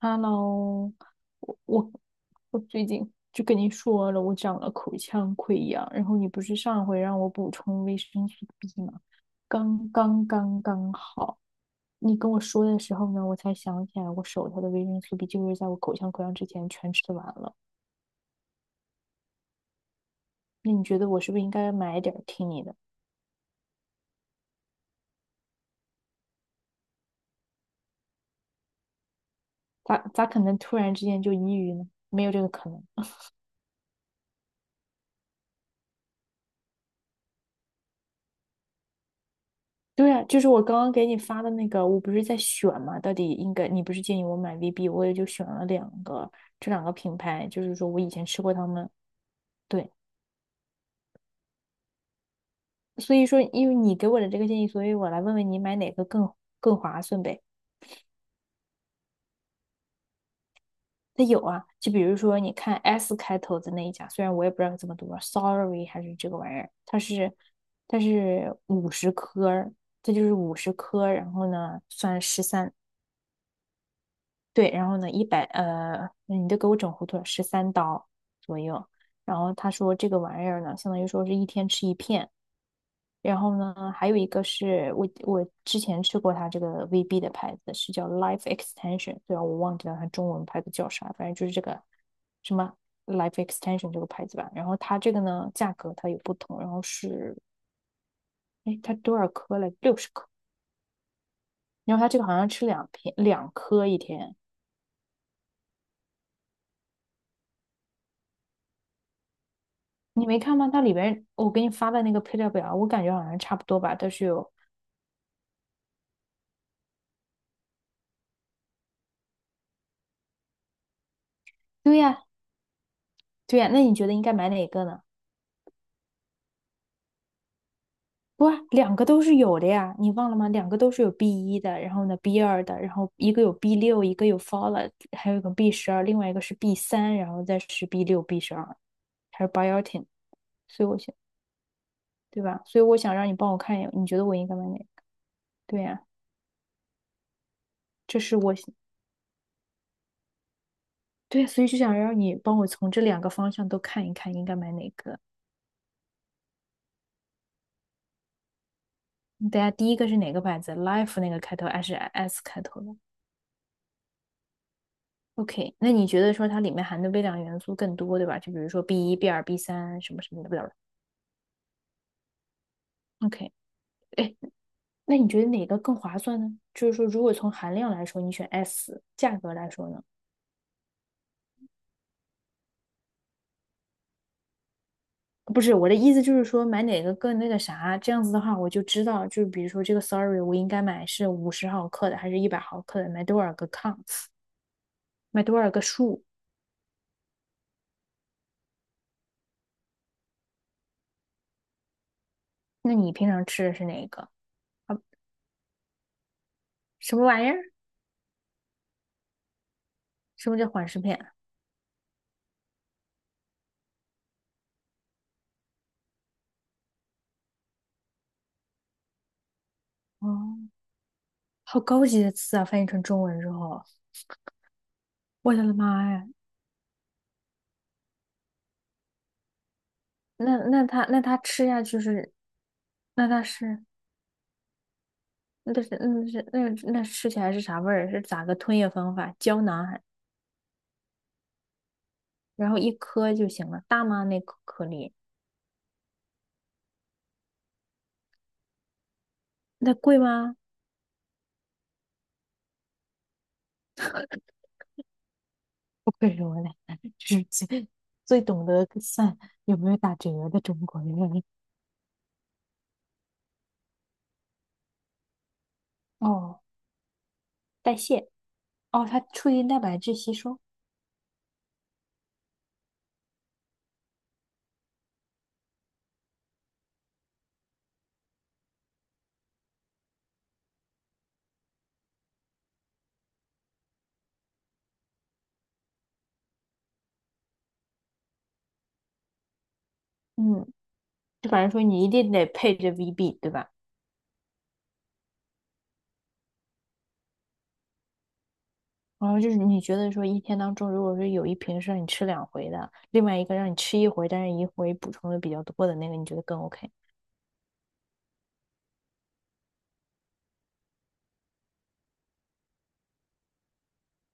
Hello,我我我最近就跟你说了，我长了口腔溃疡，然后你不是上回让我补充维生素 B 吗？刚好，你跟我说的时候呢，我才想起来我手头的维生素 B 就是在我口腔溃疡之前全吃完了。那你觉得我是不是应该买点儿听你的？咋可能突然之间就抑郁呢？没有这个可能。对啊，就是我刚刚给你发的那个，我不是在选嘛？到底应该，你不是建议我买 VB，我也就选了两个，这两个品牌，就是说我以前吃过他们。对，所以说因为你给我的这个建议，所以我来问问你买哪个更划算呗？它有啊，就比如说你看 S 开头的那一家，虽然我也不知道它怎么读 s o r r y 还是这个玩意儿，它是五十颗，这就是五十颗，然后呢算十三。对，然后呢，一百呃，你都给我整糊涂了，13刀左右。然后他说这个玩意儿呢，相当于说是一天吃一片。然后呢，还有一个是我之前吃过它这个 VB 的牌子，是叫 Life Extension。对啊，然我忘记了它中文牌子叫啥，反正就是这个什么 Life Extension 这个牌子吧。然后它这个呢，价格它有不同，然后是，哎，它多少颗了？60颗。然后它这个好像吃两片，两颗一天。你没看吗？它里边我给你发的那个配料表，我感觉好像差不多吧，都是有。对呀，对呀，那你觉得应该买哪个呢？不啊，两个都是有的呀，你忘了吗？两个都是有 B 一的，然后呢 B 二的，然后一个有 B 六，一个有 folate，还有一个 B 十二，另外一个是 B 三，然后再是 B 六、B12，还有 biotin。所以我想，对吧？所以我想让你帮我看一眼，你觉得我应该买哪个？对呀，这是我，对，所以就想让你帮我从这两个方向都看一看，应该买哪个。大家第一个是哪个牌子？Life 那个开头还是 S 开头的？OK，那你觉得说它里面含的微量元素更多，对吧？就比如说 B 一、B2、B 三什么什么的，不知道了。OK，哎，那你觉得哪个更划算呢？就是说，如果从含量来说，你选 S；价格来说呢？不是，我的意思就是说，买哪个更那个啥，这样子的话，我就知道，就是比如说这个 Sorry，我应该买是50毫克的，还是100毫克的，买多少个 counts，买多少个数？那你平常吃的是哪一个？啊，什么玩意儿？什么叫缓释片？哦，好高级的词啊！翻译成中文之后，我的妈呀！那那它那它吃下去是，那它是那是那是那那吃起来是啥味儿？是咋个吞咽方法？胶囊还，然后一颗就行了，大吗？那颗颗粒那贵吗？不愧是我俩，就是最懂得算有没有打折的中国人。哦，代谢，哦，它促进蛋白质吸收。嗯，就反正说你一定得配着 VB，对吧？然后就是你觉得说一天当中，如果说有一瓶是让你吃两回的，另外一个让你吃一回，但是一回补充的比较多的那个，你觉得更 OK？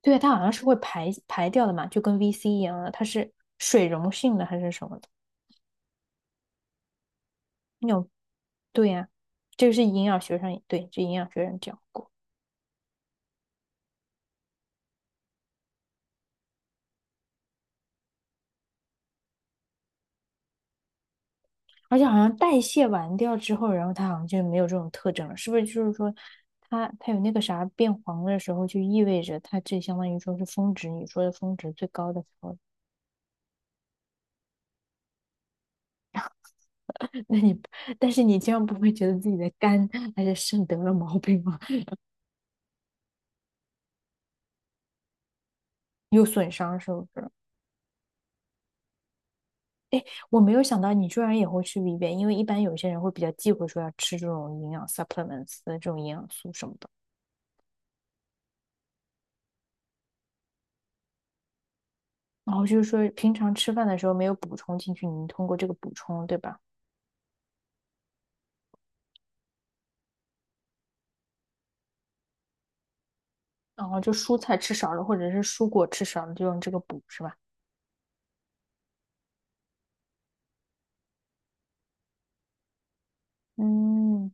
对，它好像是会排掉的嘛，就跟 VC 一样的，它是水溶性的还是什么的？那种，对呀、这个是营养学上，对，这营养学上讲过，而且好像代谢完掉之后，然后它好像就没有这种特征了，是不是？就是说它有那个啥变黄的时候，就意味着它这相当于说是峰值，你说的峰值最高的时候。那你，但是你这样不会觉得自己的肝还是肾得了毛病吗？有损伤是不是？我没有想到你居然也会吃 VB，因为一般有些人会比较忌讳说要吃这种营养 supplements 的这种营养素什么的，然后就是说平常吃饭的时候没有补充进去，你通过这个补充，对吧？然后就蔬菜吃少了，或者是蔬果吃少了，就用这个补，是吧？嗯，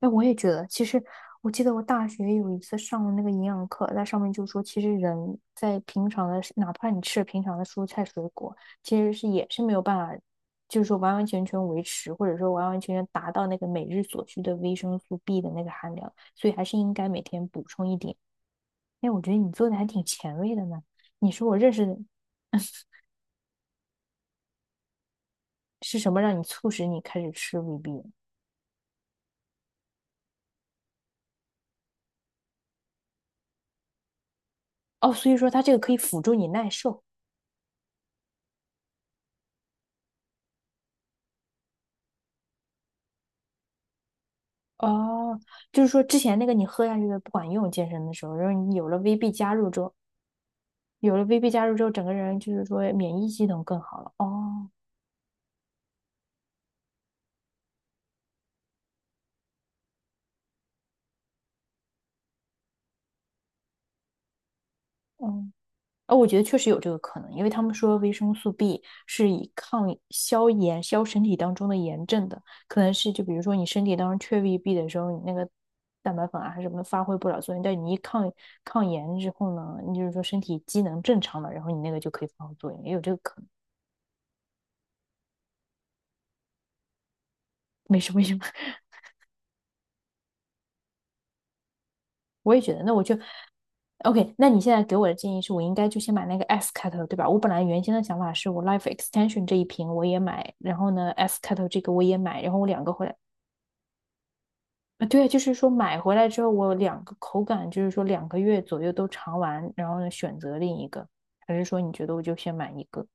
哎，我也觉得，其实我记得我大学有一次上了那个营养课，在上面就说，其实人在平常的，哪怕你吃平常的蔬菜水果，其实是也是没有办法，就是说完完全全维持，或者说完完全全达到那个每日所需的维生素 B 的那个含量，所以还是应该每天补充一点。哎，我觉得你做的还挺前卫的呢。你说我认识的是什么让你促使你开始吃 VB？哦，所以说它这个可以辅助你耐受。哦，就是说之前那个你喝下去的不管用，健身的时候，然后你有了 VB 加入之后，有了 VB 加入之后，整个人就是说免疫系统更好了。哦，嗯，哦，我觉得确实有这个可能，因为他们说维生素 B 是以抗消炎、消身体当中的炎症的，可能是就比如说你身体当中缺 VB 的时候，你那个蛋白粉啊什么的发挥不了作用，但你一抗炎之后呢，你就是说身体机能正常了，然后你那个就可以发挥作用，也有这个可能，没什么用。我也觉得，那我就 OK。那你现在给我的建议是我应该就先买那个 S 开头，对吧？我本来原先的想法是我 Life Extension 这一瓶我也买，然后呢 S 开头这个我也买，然后我两个回来，啊，对，就是说买回来之后我两个口感就是说2个月左右都尝完，然后呢选择另一个，还是说你觉得我就先买一个？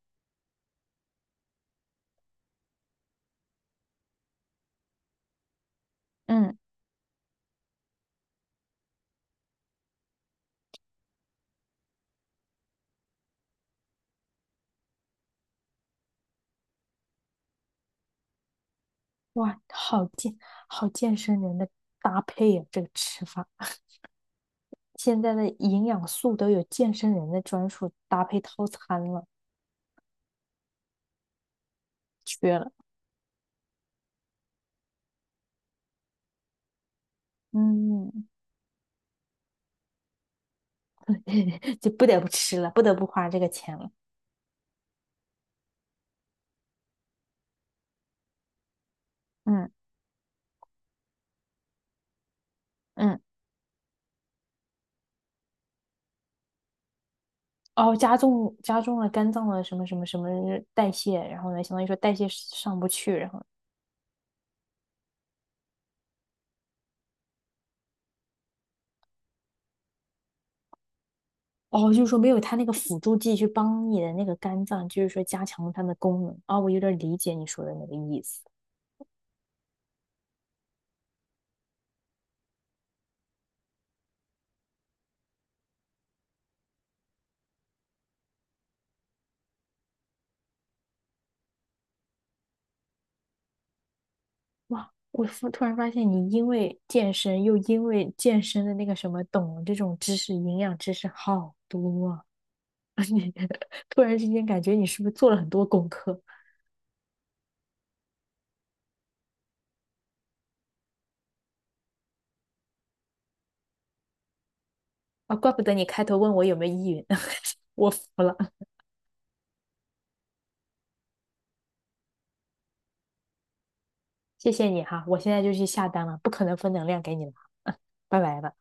嗯，哇，好健身人的搭配呀、这个吃法，现在的营养素都有健身人的专属搭配套餐了，缺了。嗯，就不得不吃了，不得不花这个钱了。嗯嗯，哦，加重，加重了肝脏的什么什么什么代谢，然后呢，相当于说代谢上不去，然后哦，就是说没有它那个辅助剂去帮你的那个肝脏，就是说加强它的功能。哦，我有点理解你说的那个意思。哇，我突然发现你因为健身又因为健身的那个什么懂这种知识，营养知识好多啊！你突然之间感觉你是不是做了很多功课？啊，怪不得你开头问我有没有依云，我服了，谢谢你哈，我现在就去下单了，不可能分能量给你了，拜拜了。